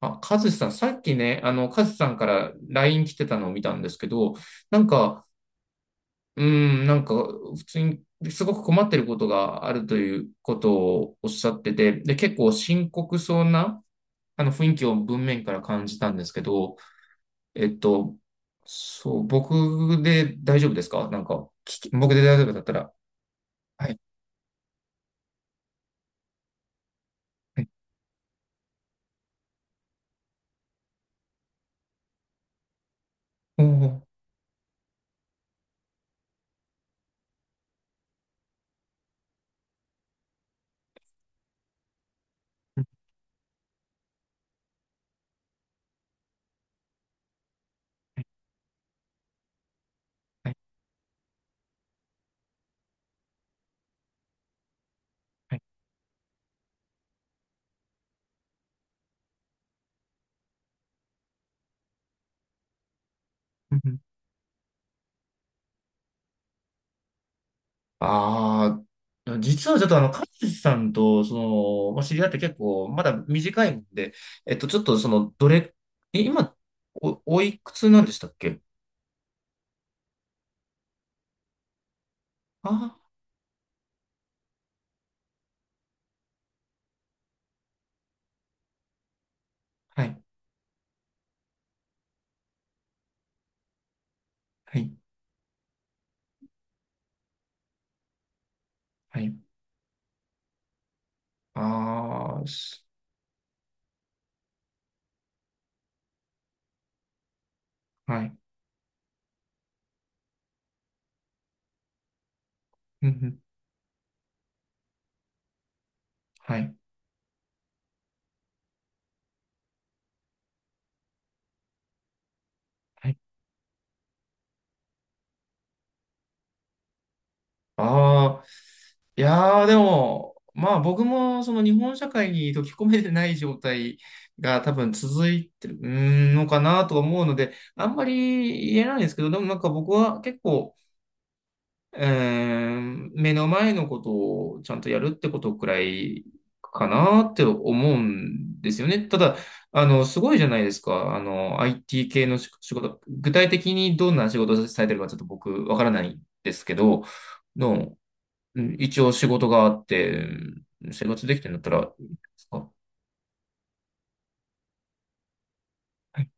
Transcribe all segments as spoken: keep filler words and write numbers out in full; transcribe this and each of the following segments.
あ、カズさん、さっきね、あの、カズさんからライン来てたのを見たんですけど、なんか、うーん、なんか、普通にすごく困ってることがあるということをおっしゃってて、で、結構深刻そうな、あの、雰囲気を文面から感じたんですけど、えっと、そう、僕で大丈夫ですかなんか、聞き僕で大丈夫だったら。はい。はい。おー。はいはいはいはい。ああ、実はちょっとあの、カズさんと、その、まあ、知り合って結構、まだ短いんで、えっと、ちょっとその、どれ、え、今、お、おいくつなんでしたっけ？ああー、はい、はい、はい。ああ、す、はい、うんうん、はい、はい。ああ、いやー、でも、まあ僕もその日本社会に溶け込めてない状態が多分続いてるうーんのかなと思うので、あんまり言えないんですけど、でもなんか僕は結構、うーん、目の前のことをちゃんとやるってことくらいかなって思うんですよね。ただ、あの、すごいじゃないですか。あの、アイティー 系の仕仕事、具体的にどんな仕事をされてるかちょっと僕わからないんですけど、の、うん、一応仕事があって、うん、生活できてるんだったらいいですか。はい。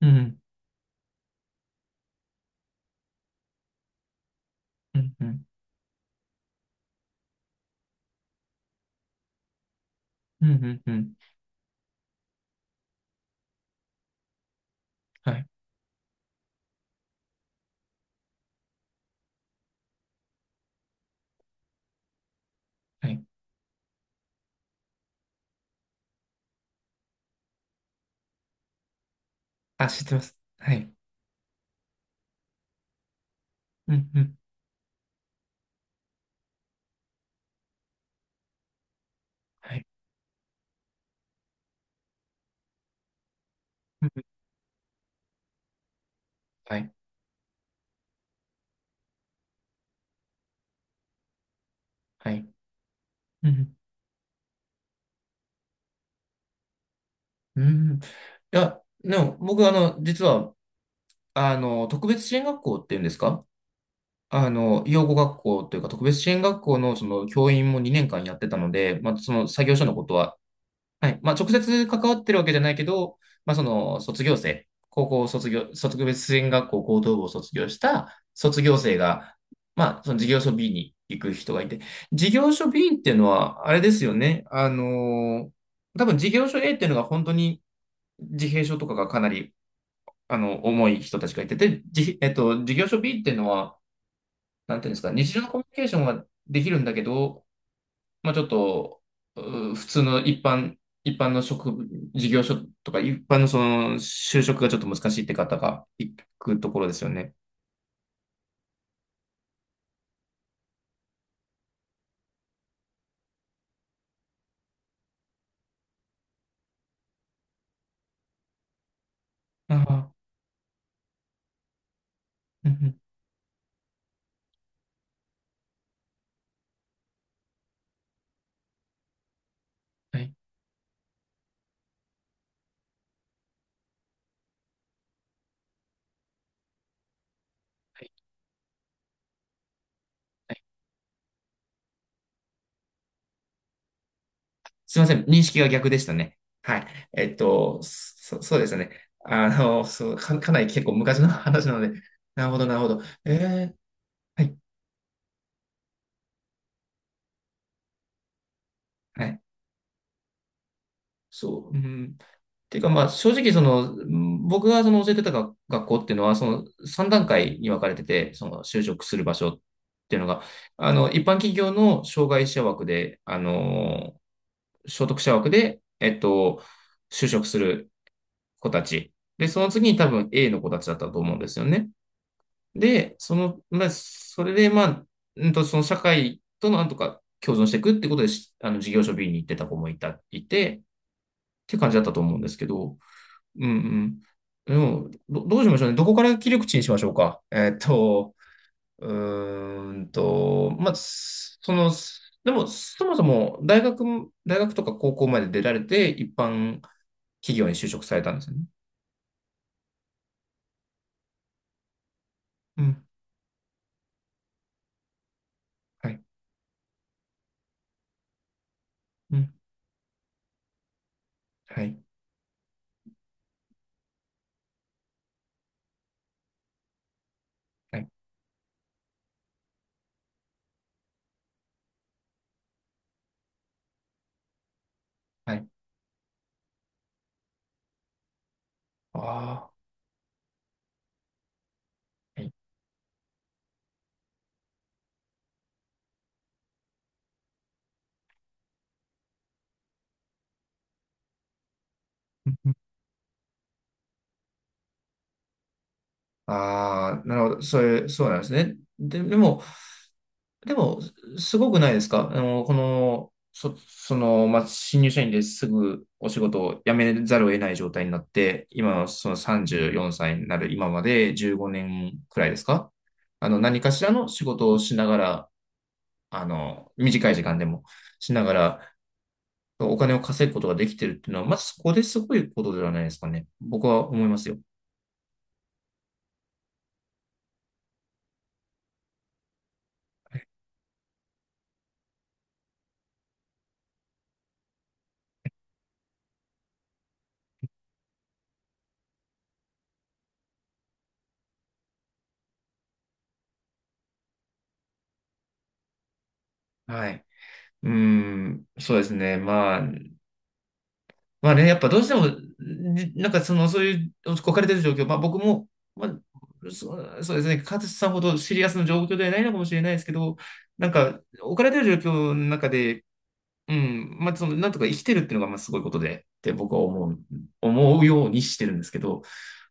うん、うん、うん、うん、うん、うん。はい、はい。あ、知ってます。はい。うん、うん、はい。うんうん、はい、はい。うんうんうん。いや、でも僕、あの、実は、あの、特別支援学校っていうんですか、あの、養護学校というか、特別支援学校のその教員もにねんかんやってたので、まあ、その作業所のことは、はい、まあ、直接関わってるわけじゃないけど、まあ、その、卒業生、高校卒業、特別支援学校高等部を卒業した卒業生が、まあ、その事業所 B に行く人がいて、事業所 B っていうのは、あれですよね、あの、多分事業所 A っていうのが本当に、自閉症とかがかなり、あの、重い人たちがいてて、じ、えっと、事業所 B っていうのは、なんていうんですか、日常のコミュニケーションはできるんだけど、まあちょっと、う普通の一般、一般の職、事業所とか、一般のその、就職がちょっと難しいって方が行くところですよね。ああ、うんうん、はいはいはい、すいません、認識が逆でしたね。はい。えっと、そ、そうですね。あの、そう、か、かなり結構昔の話なので、なるほど、なるほど。えー、はいはい、そう。うん。ていうか、まあ、正直、その、うん、僕がその教えてたが学校っていうのは、そのさん段階に分かれてて、その就職する場所っていうのが、あの、一般企業の障害者枠で、あの、所得者枠で、えっと、就職する子たち。で、その次に多分 A の子たちだったと思うんですよね。で、その、まあ、それで、まあ、うんと、その社会となんとか共存していくってことで、しあの、事業所 B に行ってた子もいた、いて、っていう感じだったと思うんですけど、うんうん。でも、ど、どうしましょうね。どこから切り口にしましょうか。えーっと、うーんと、まあ、その、でも、そもそも大学、大学とか高校まで出られて、一般企業に就職されたんですよね。うん。はい。うん。はい。はい。はい。ああ。はい。ああー、なるほど。そういう、そうなんですね。で、でも、でも、すごくないですか、あの、この、そ、その、まあ、新入社員ですぐお仕事を辞めざるを得ない状態になって、今のそのさんじゅうよんさいになる今までじゅうごねんくらいですか、あの、何かしらの仕事をしながら、あの、短い時間でもしながら、お金を稼ぐことができてるっていうのは、まずそこですごいことではないですかね。僕は思いますよ。はい。うーん、そうですね。まあ、まあね、やっぱどうしても、じなんかその、そういう置かれてる状況、まあ僕も、まあ、そう、そうですね、勝さんほどシリアスな状況ではないのかもしれないですけど、なんか置かれてる状況の中で、うん。まあ、その、なんとか生きてるっていうのが、まあ、すごいことで、って僕は思う、思うようにしてるんですけど、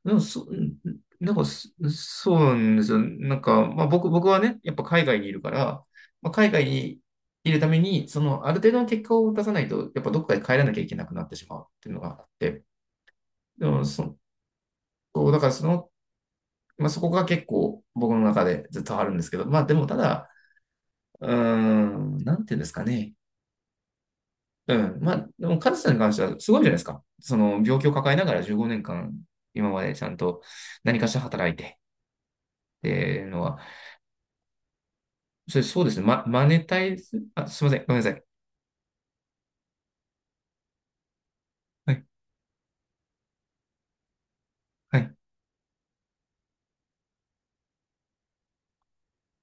でも、そ、うんなんかそ、そうなんですよ。なんか、まあ、僕、僕はね、やっぱ海外にいるから、まあ、海外にいるために、その、ある程度の結果を出さないと、やっぱどっかで帰らなきゃいけなくなってしまうっていうのがあって、でも、そ、そうだからその、まあ、そこが結構僕の中でずっとあるんですけど、まあ、でも、ただ、うーん、なんていうんですかね。うん。まあ、でも、カズさんに関してはすごいじゃないですか。その、病気を抱えながらじゅうごねんかん、今までちゃんと何かしら働いて、っていうのは、それ、そうですね。ま、マネタイズ、あ、すいません。ごめんなさい。はい。はい。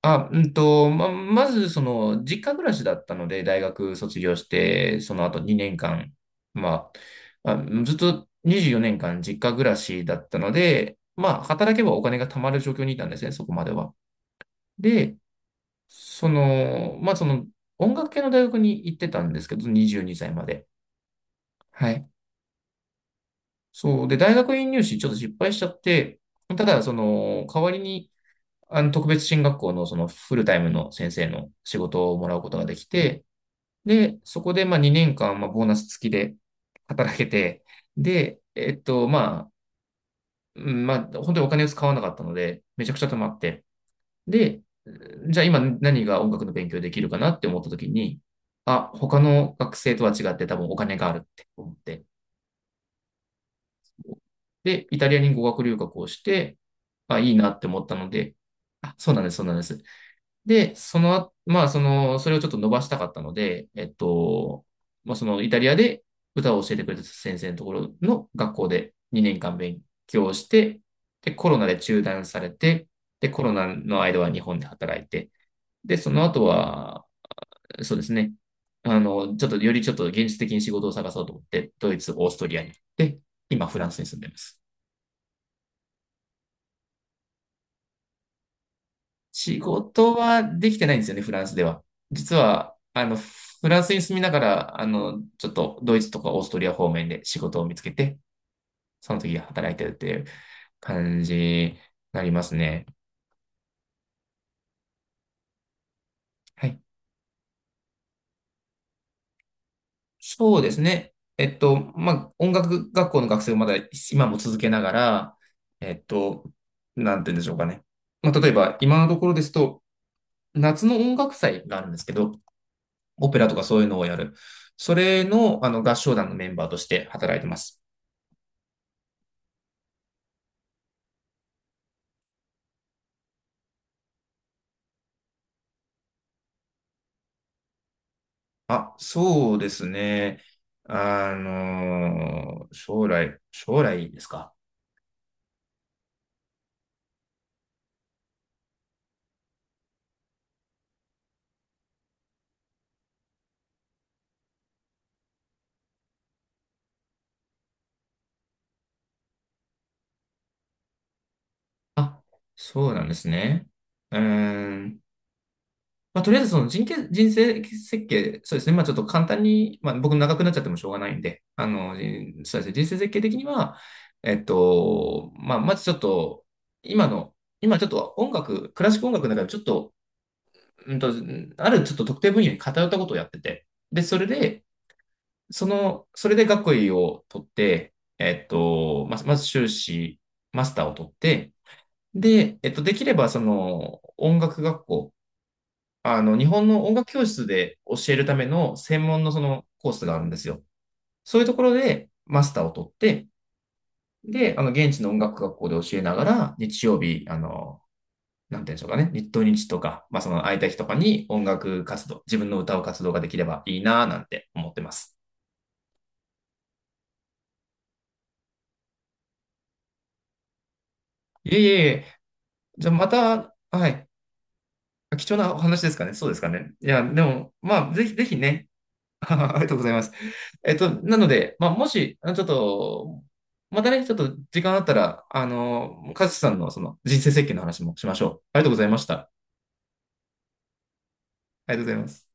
あ、うんと、ま、まず、その、実家暮らしだったので、大学卒業して、その後にねんかん、まあ、あ、ずっとにじゅうよねんかん実家暮らしだったので、まあ、働けばお金が貯まる状況にいたんですね、そこまでは。で、その、まあ、その、音楽系の大学に行ってたんですけど、にじゅうにさいまで。はい。そう。で、大学院入試ちょっと失敗しちゃって、ただ、その、代わりに、あの、特別進学校のそのフルタイムの先生の仕事をもらうことができて、で、そこで、まあ、にねんかん、まあ、ボーナス付きで働けて、で、えっと、まあ、うんまあ、本当にお金を使わなかったので、めちゃくちゃ貯まって、で、じゃあ今何が音楽の勉強できるかなって思った時に、あ、他の学生とは違って多分お金があるって思って。で、イタリアに語学留学をして、あ、いいなって思ったので、あ、そうなんです、そうなんです。で、その後、まあ、その、それをちょっと伸ばしたかったので、えっと、まあ、そのイタリアで歌を教えてくれた先生のところの学校でにねんかん勉強して、で、コロナで中断されて、で、コロナの間は日本で働いて、で、その後は、そうですね。あの、ちょっと、よりちょっと現実的に仕事を探そうと思って、ドイツ、オーストリアに行って、今、フランスに住んでます。仕事はできてないんですよね、フランスでは。実は、あの、フランスに住みながら、あの、ちょっと、ドイツとかオーストリア方面で仕事を見つけて、その時働いてるっていう感じになりますね。はい。そうですね。えっと、まあ、音楽学校の学生をまだ今も続けながら、えっと、なんて言うんでしょうかね。まあ、例えば、今のところですと、夏の音楽祭があるんですけど、オペラとかそういうのをやる。それの、あの、合唱団のメンバーとして働いてます。あ、そうですね。あのー将来、将来ですか？あ、そうなんですね。うーん。まあ、とりあえずその人形人生設計、そうですね。まあ、ちょっと簡単に、まあ、僕長くなっちゃってもしょうがないんで、あの、人そうですね。人生設計的には、えっと、まあ、まずちょっと、今の、今ちょっと音楽、クラシック音楽の中でちょっと、うんと、あるちょっと特定分野に偏ったことをやってて、で、それで、その、それで学位を取って、えっと、まず、まず修士、マスターを取って、で、えっと、できれば、その、音楽学校、あの、日本の音楽教室で教えるための専門のそのコースがあるんですよ。そういうところでマスターを取って、で、あの、現地の音楽学校で教えながら、日曜日、あの、なんて言うんでしょうかね、日当日とか、まあ、その空いた日とかに音楽活動、自分の歌う活動ができればいいなぁなんて思ってます。いえいえいえ、じゃあまた、はい、貴重なお話ですかね、そうですかね。いや、でも、まあ、ぜひぜひね、ありがとうございます。えっと、なので、まあ、もし、あのちょっと、またね、ちょっと時間あったら、あの、カズさんのその人生設計の話もしましょう。ありがとうございました。ありがとうございます。